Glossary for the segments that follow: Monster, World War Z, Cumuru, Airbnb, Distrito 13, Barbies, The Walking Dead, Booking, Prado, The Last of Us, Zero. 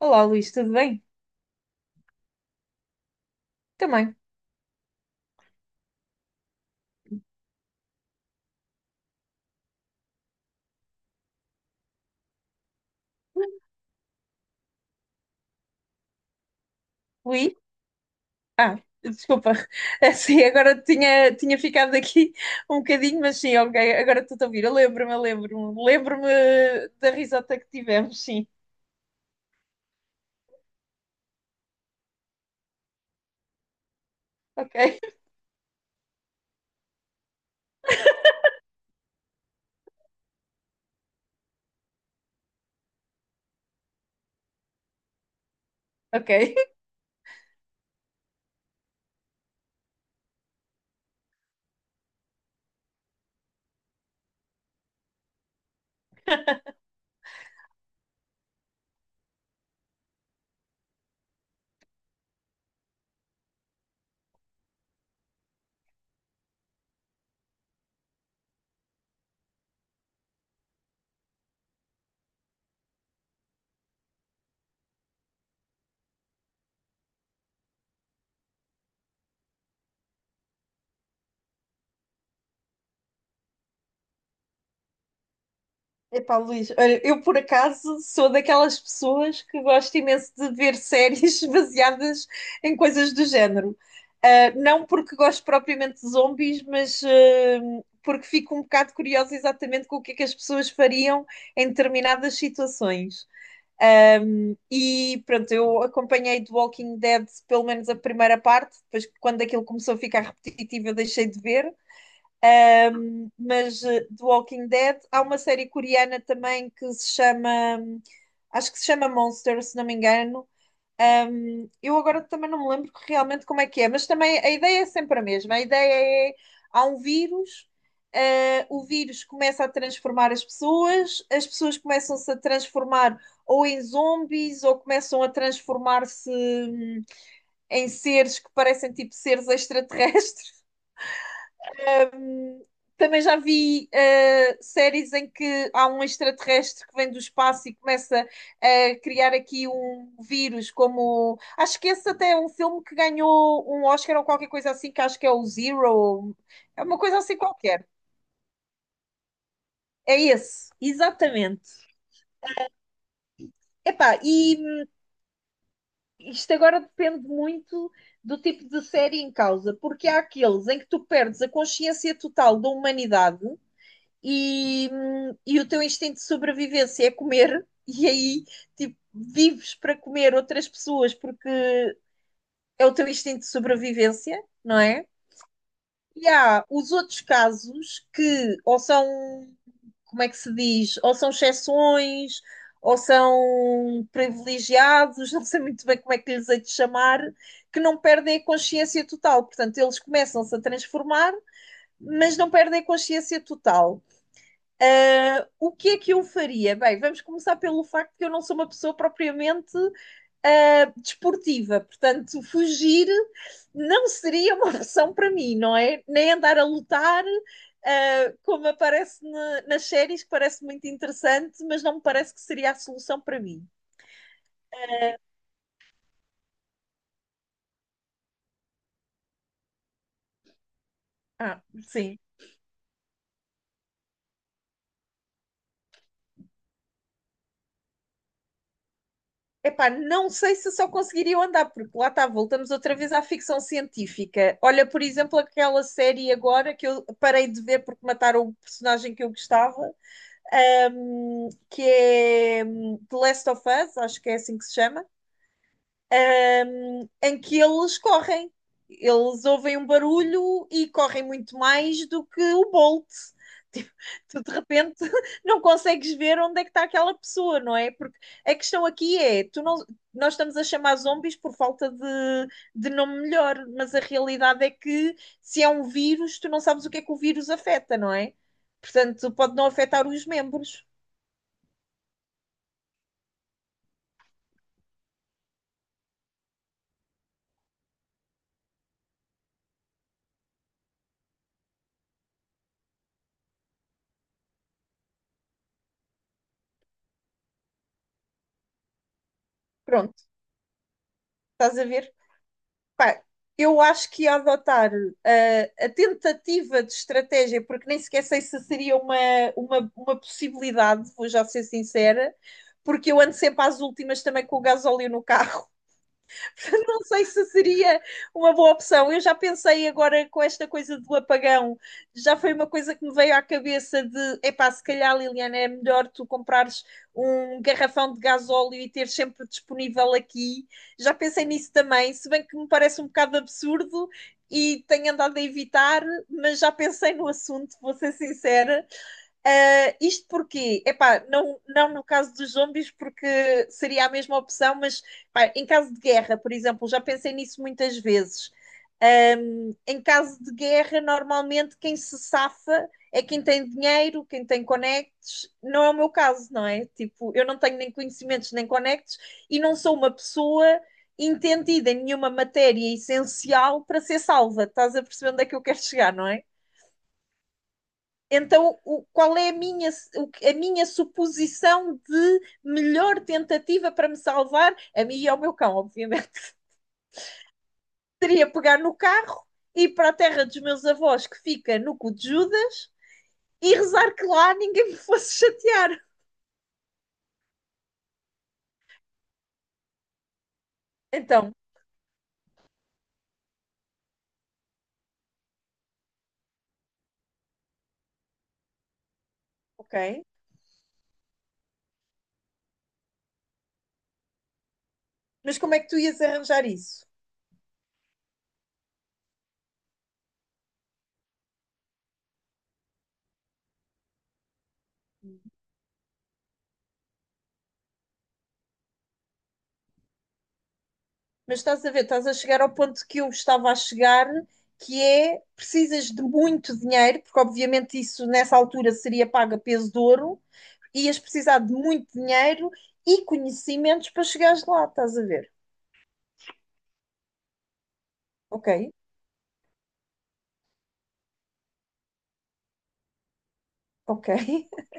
Olá, Luís, tudo bem? Também. Luís? Ah, desculpa. Sim. Agora tinha ficado aqui um bocadinho, mas sim, ok, agora estou a ouvir. Eu lembro-me, eu lembro-me. Lembro-me da risota que tivemos, sim. Ok, ok. Epá, Luís, olha, eu por acaso sou daquelas pessoas que gosto imenso de ver séries baseadas em coisas do género. Ah, não porque gosto propriamente de zombies, mas porque fico um bocado curiosa exatamente com o que é que as pessoas fariam em determinadas situações. E pronto, eu acompanhei The Walking Dead pelo menos a primeira parte, depois quando aquilo começou a ficar repetitivo eu deixei de ver, mas The Walking Dead. Há uma série coreana também que se chama, acho que se chama Monster, se não me engano. Eu agora também não me lembro realmente como é que é, mas também a ideia é sempre a mesma. A ideia é, há um vírus, o vírus começa a transformar as pessoas começam-se a transformar ou em zombies, ou começam a transformar-se em seres que parecem tipo seres extraterrestres. Também já vi séries em que há um extraterrestre que vem do espaço e começa a criar aqui um vírus, como acho que esse até é um filme que ganhou um Oscar ou qualquer coisa assim, que acho que é o Zero, é uma coisa assim qualquer. É esse, exatamente. Epá, e isto agora depende muito do tipo de série em causa, porque há aqueles em que tu perdes a consciência total da humanidade e, e o teu instinto de sobrevivência é comer, e aí tipo, vives para comer outras pessoas porque é o teu instinto de sobrevivência, não é? E há os outros casos que ou são, como é que se diz, ou são exceções, ou são privilegiados, não sei muito bem como é que lhes hei de chamar, que não perdem a consciência total. Portanto, eles começam-se a transformar, mas não perdem a consciência total. O que é que eu faria? Bem, vamos começar pelo facto que eu não sou uma pessoa propriamente desportiva, portanto, fugir não seria uma opção para mim, não é? Nem andar a lutar, como aparece nas séries, que parece muito interessante, mas não me parece que seria a solução para mim. Ah, sim. Epá, não sei se só conseguiria andar, porque lá está, voltamos outra vez à ficção científica. Olha, por exemplo, aquela série agora que eu parei de ver porque mataram o personagem que eu gostava, The Last of Us, acho que é assim que se chama, em que eles correm. Eles ouvem um barulho e correm muito mais do que o Bolt. Tipo, tu de repente não consegues ver onde é que está aquela pessoa, não é? Porque a questão aqui é, tu não, nós estamos a chamar zombies por falta de nome melhor, mas a realidade é que se é um vírus, tu não sabes o que é que o vírus afeta, não é? Portanto, pode não afetar os membros. Pronto, estás a ver? Pá, eu acho que ia adotar tentativa de estratégia, porque nem sequer sei se seria uma, uma possibilidade, vou já ser sincera, porque eu ando sempre às últimas também com o gasóleo no carro. Portanto, não sei se seria uma boa opção. Eu já pensei agora com esta coisa do apagão, já foi uma coisa que me veio à cabeça de, epá, se calhar, Liliana, é melhor tu comprares um garrafão de gasóleo e ter sempre disponível aqui. Já pensei nisso também, se bem que me parece um bocado absurdo e tenho andado a evitar, mas já pensei no assunto, vou ser sincera. Ah, isto porquê? Epá, não, não no caso dos zombies, porque seria a mesma opção, mas pá, em caso de guerra, por exemplo, já pensei nisso muitas vezes. Em caso de guerra, normalmente quem se safa é quem tem dinheiro, quem tem conectos. Não é o meu caso, não é? Tipo, eu não tenho nem conhecimentos nem conectos e não sou uma pessoa entendida em nenhuma matéria essencial para ser salva. Estás a perceber onde é que eu quero chegar, não é? Então, qual é a minha suposição de melhor tentativa para me salvar, a mim e ao meu cão, obviamente? Seria pegar no carro, ir para a terra dos meus avós, que fica no cu de Judas, e rezar que lá ninguém me fosse chatear. Então, ok. Mas como é que tu ias arranjar isso? Mas estás a ver, estás a chegar ao ponto que eu estava a chegar, que é precisas de muito dinheiro, porque obviamente isso nessa altura seria pago a peso de ouro, ias precisar de muito dinheiro e conhecimentos para chegares lá, estás a ver? Ok, ok.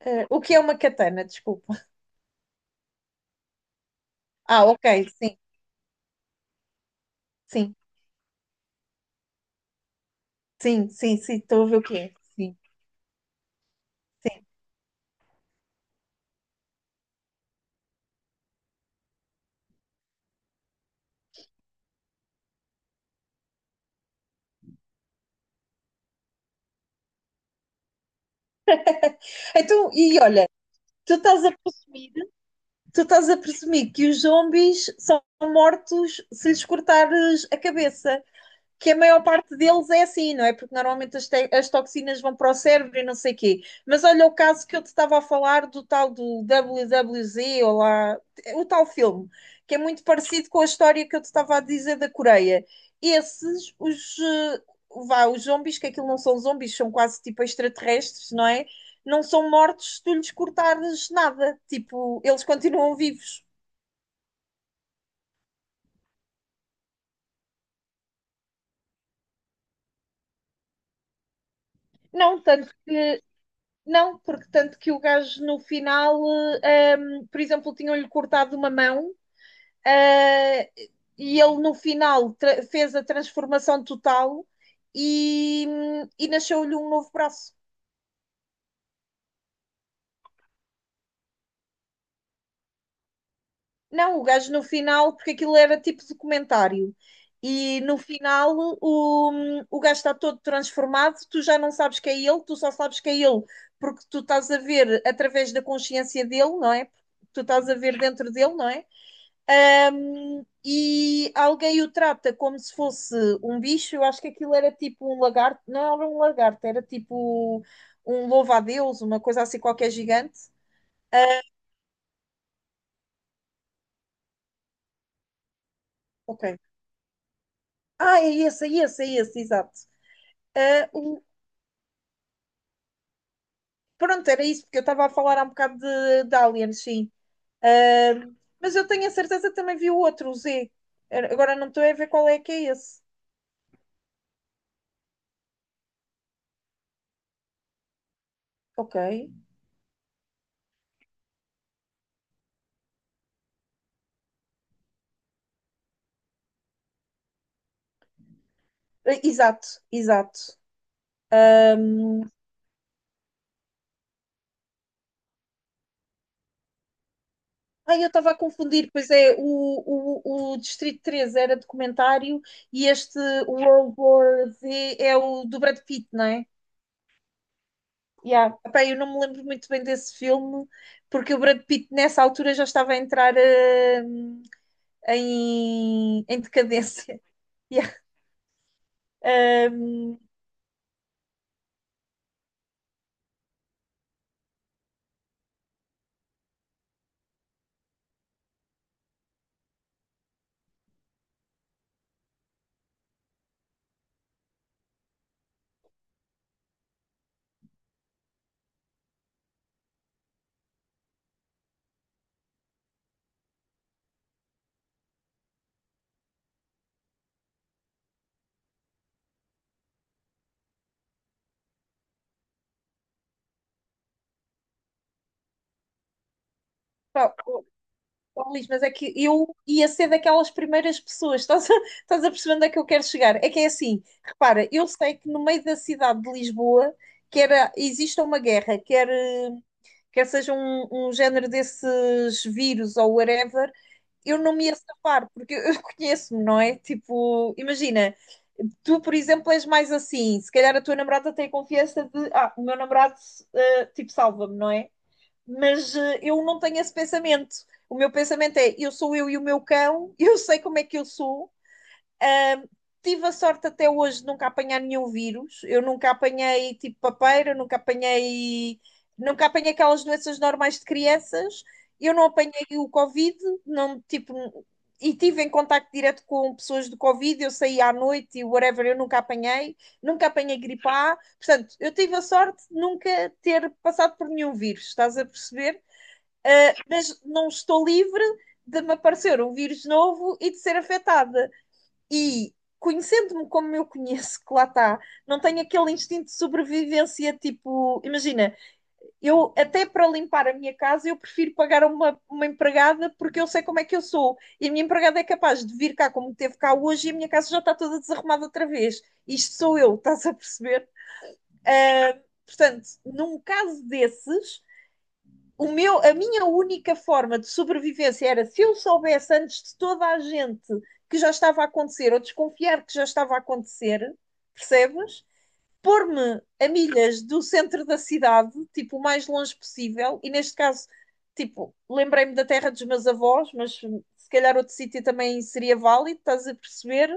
O que é uma katana? Desculpa. Ah, ok, sim, sim, sim, sim, sim, estou a ver o que é. Sim, sim. Então, e olha, tu estás a presumir, tu estás a presumir que os zombies são mortos se lhes cortares a cabeça. Que a maior parte deles é assim, não é? Porque normalmente as, as, toxinas vão para o cérebro e não sei o quê. Mas olha o caso que eu te estava a falar do tal do WWZ ou lá, o tal filme, que é muito parecido com a história que eu te estava a dizer da Coreia. Esses, vá, os zombies, que aquilo não são zombies, são quase tipo extraterrestres, não é? Não são mortos se tu lhes cortares nada. Tipo, eles continuam vivos. Não, tanto. Não, porque tanto que o gajo no final, por exemplo, tinham-lhe cortado uma mão, eh, e ele no final fez a transformação total e, e nasceu-lhe um novo braço. Não, o gajo no final, porque aquilo era tipo documentário. E no final o, o gajo está todo transformado, tu já não sabes que é ele, tu só sabes que é ele, porque tu estás a ver através da consciência dele, não é? Tu estás a ver dentro dele, não é? E alguém o trata como se fosse um bicho. Eu acho que aquilo era tipo um lagarto, não era um lagarto, era tipo um louva-a-Deus, uma coisa assim qualquer gigante. Ah, ok. Ah, é esse, é esse, é esse, exato. Ah, pronto, era isso, porque eu estava a falar há um bocado de aliens, sim. Ah, mas eu tenho a certeza que também vi o outro, o Z. Agora não estou a ver qual é que é esse. Ok. Ah, exato, exato. Ai, eu estava a confundir, pois é, o, Distrito 13 era documentário e este World War Z é o do Brad Pitt, não é? Yeah. Epá, eu não me lembro muito bem desse filme, porque o Brad Pitt nessa altura já estava a entrar em decadência. Yeah. Pá, oh, oh, Luís, mas é que eu ia ser daquelas primeiras pessoas, estás a perceber onde é que eu quero chegar? É que é assim, repara, eu sei que no meio da cidade de Lisboa quer, existe uma guerra, quer quer seja um género desses vírus ou whatever, eu não me ia safar, porque eu conheço-me, não é? Tipo, imagina, tu, por exemplo, és mais assim, se calhar a tua namorada tem a confiança de, ah, o meu namorado, tipo, salva-me, não é? Mas eu não tenho esse pensamento. O meu pensamento é, eu sou eu e o meu cão, eu sei como é que eu sou, tive a sorte até hoje de nunca apanhar nenhum vírus. Eu nunca apanhei tipo papeira, nunca apanhei, nunca apanhei aquelas doenças normais de crianças. Eu não apanhei o Covid, não, tipo, e tive em contacto direto com pessoas do Covid, eu saí à noite e whatever, eu nunca apanhei, nunca apanhei gripe A, portanto, eu tive a sorte de nunca ter passado por nenhum vírus, estás a perceber? Mas não estou livre de me aparecer um vírus novo e de ser afetada. E conhecendo-me como eu conheço, que lá está, não tenho aquele instinto de sobrevivência, tipo, imagina, eu até para limpar a minha casa eu prefiro pagar a uma empregada porque eu sei como é que eu sou. E a minha empregada é capaz de vir cá como teve cá hoje e a minha casa já está toda desarrumada outra vez. Isto sou eu, estás a perceber? Portanto, num caso desses, o meu, a minha única forma de sobrevivência era se eu soubesse antes de toda a gente que já estava a acontecer, ou desconfiar que já estava a acontecer, percebes? Pôr-me a milhas do centro da cidade, tipo, o mais longe possível, e neste caso, tipo, lembrei-me da terra dos meus avós, mas se calhar outro sítio também seria válido, estás a perceber?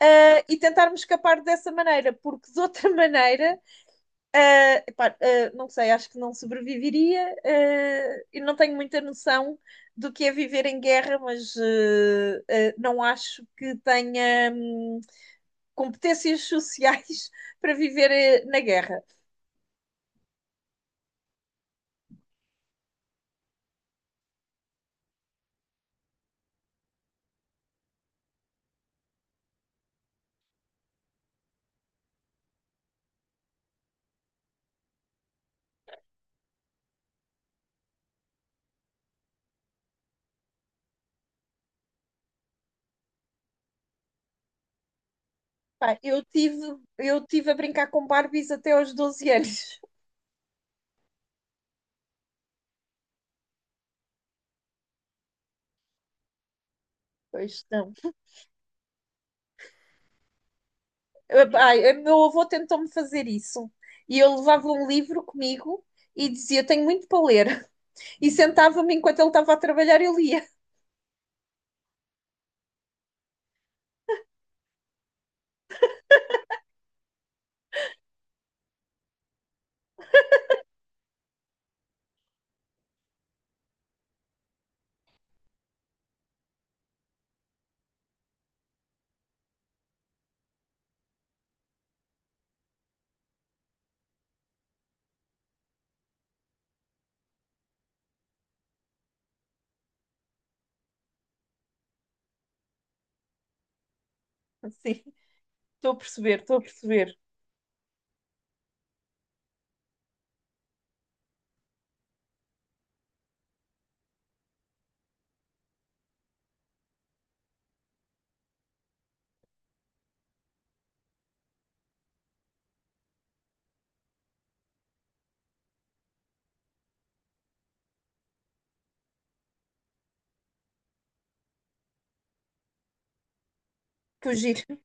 E tentar-me escapar dessa maneira, porque de outra maneira não sei, acho que não sobreviveria. E não tenho muita noção do que é viver em guerra, mas não acho que tenha competências sociais para viver na guerra. Pá, eu tive, eu tive a brincar com Barbies até aos 12 anos. Pois não. Ah, pá, Meu avô tentou-me fazer isso. E eu levava um livro comigo e dizia: Tenho muito para ler. E sentava-me enquanto ele estava a trabalhar, eu lia. Sim. Estou a perceber, estou a perceber. Que giro.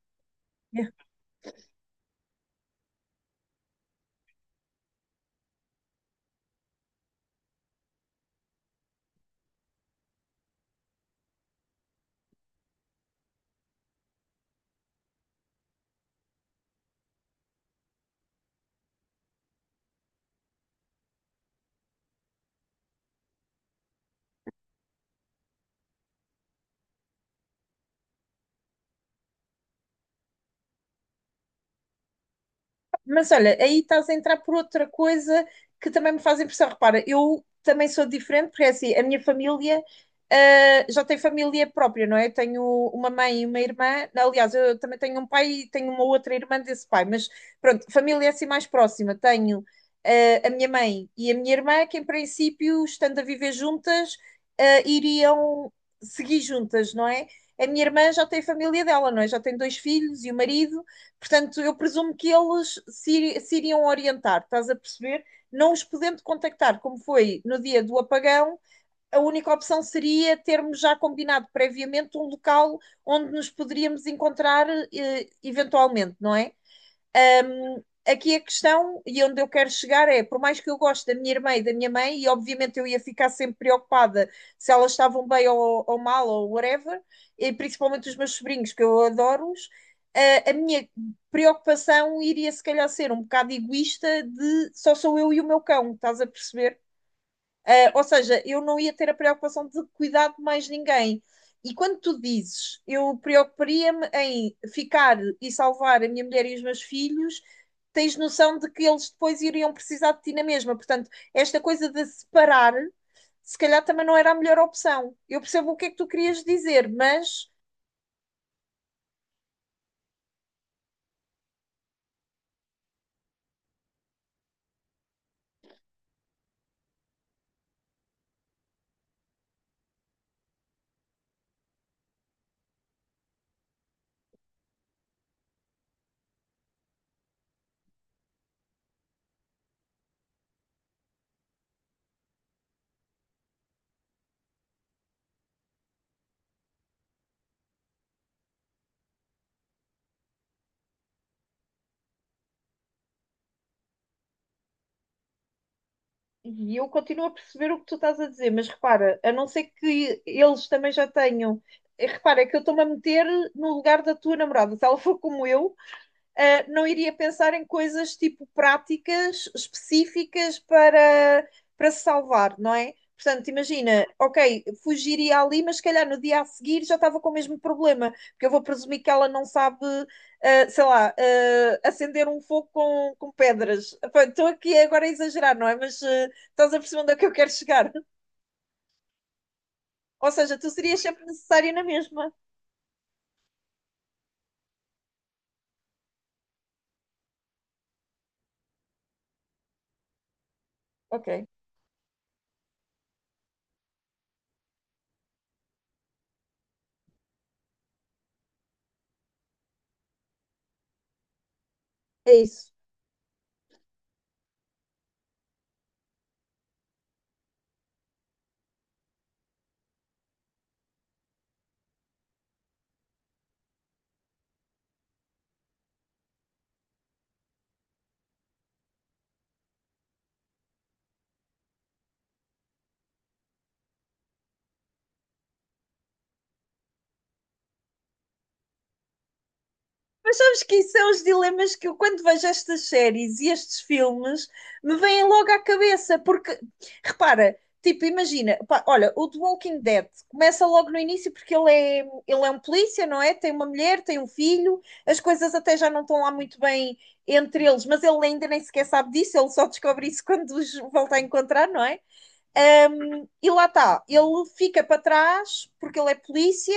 Mas olha, aí estás a entrar por outra coisa que também me faz impressão. Repara, eu também sou diferente, porque é assim, a minha família já tem família própria, não é? Eu tenho uma mãe e uma irmã. Aliás, eu também tenho um pai e tenho uma outra irmã desse pai, mas pronto, família é assim mais próxima. Tenho a minha mãe e a minha irmã, que em princípio, estando a viver juntas, iriam seguir juntas, não é? A minha irmã já tem família dela, não é? Já tem dois filhos e o marido. Portanto, eu presumo que eles se, se iriam orientar, estás a perceber? Não os podendo contactar, como foi no dia do apagão, a única opção seria termos já combinado previamente um local onde nos poderíamos encontrar, eventualmente, não é? Um, Aqui a questão, e onde eu quero chegar, é: por mais que eu goste da minha irmã e da minha mãe, e obviamente eu ia ficar sempre preocupada se elas estavam bem ou mal ou whatever, e principalmente os meus sobrinhos, que eu adoro-os, a minha preocupação iria se calhar ser um bocado egoísta de só sou eu e o meu cão, estás a perceber? Ou seja, eu não ia ter a preocupação de cuidar de mais ninguém. E quando tu dizes, eu preocuparia-me em ficar e salvar a minha mulher e os meus filhos, tens noção de que eles depois iriam precisar de ti na mesma. Portanto, esta coisa de separar, se calhar também não era a melhor opção. Eu percebo o que é que tu querias dizer, mas. E eu continuo a perceber o que tu estás a dizer, mas repara, a não ser que eles também já tenham. Repara, é que eu estou-me a meter no lugar da tua namorada. Se ela for como eu, não iria pensar em coisas tipo práticas específicas para se salvar, não é? Portanto, imagina, ok, fugiria ali, mas se calhar no dia a seguir já estava com o mesmo problema, porque eu vou presumir que ela não sabe, sei lá, acender um fogo com pedras. Pá, estou aqui agora a exagerar, não é? Mas estás a perceber onde é que eu quero chegar. Ou seja, tu serias sempre necessária na mesma. Ok, é isso. Mas sabes que isso são os dilemas que eu, quando vejo estas séries e estes filmes, me vêm logo à cabeça, porque, repara, tipo, imagina, pá, olha, o The Walking Dead começa logo no início porque ele é um polícia, não é? Tem uma mulher, tem um filho, as coisas até já não estão lá muito bem entre eles, mas ele ainda nem sequer sabe disso, ele só descobre isso quando os volta a encontrar, não é? E lá está, ele fica para trás porque ele é polícia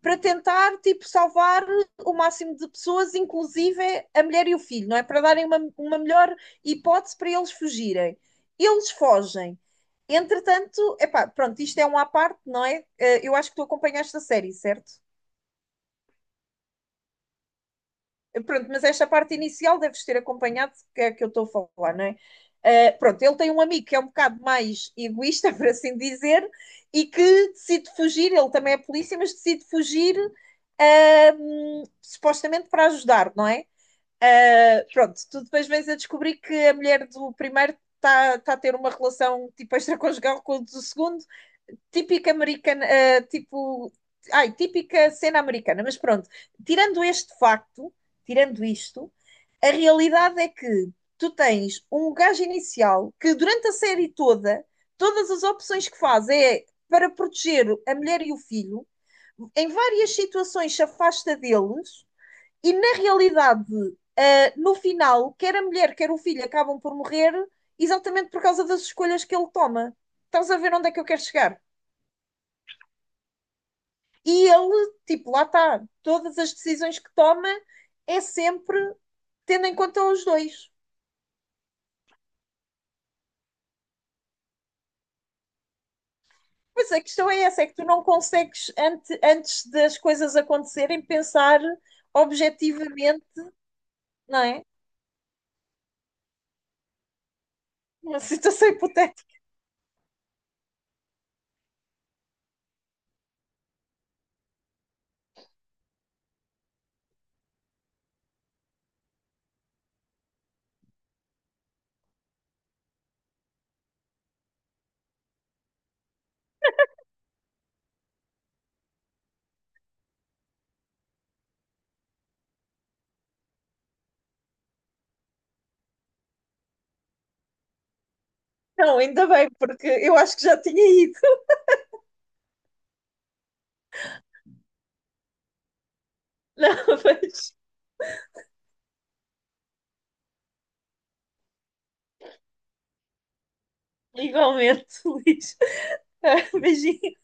para tentar tipo, salvar o máximo de pessoas, inclusive a mulher e o filho, não é? Para darem uma melhor hipótese para eles fugirem. Eles fogem. Entretanto, epá, pronto, isto é um à parte, não é? Eu acho que tu acompanhaste a série, certo? Pronto, mas esta parte inicial deves ter acompanhado, que é que eu estou a falar, não é? Pronto, ele tem um amigo que é um bocado mais egoísta, por assim dizer, e que decide fugir, ele também é polícia, mas decide fugir supostamente para ajudar, não é? Pronto, tu depois vens a descobrir que a mulher do primeiro está tá a ter uma relação tipo extraconjugal com o do segundo típica americana, tipo, ai, típica cena americana, mas pronto, tirando este facto, tirando isto, a realidade é que tu tens um gajo inicial que durante a série toda, todas as opções que faz é para proteger a mulher e o filho, em várias situações se afasta deles e na realidade, no final, quer a mulher, quer o filho acabam por morrer exatamente por causa das escolhas que ele toma. Estás a ver onde é que eu quero chegar? E ele, tipo, lá está, todas as decisões que toma é sempre tendo em conta os dois. Pois a questão é essa, é que tu não consegues, antes das coisas acontecerem, pensar objetivamente, não é? Uma situação hipotética. Não, ainda bem, porque eu acho que já tinha ido. Não, mas igualmente, Luís. Beijinho.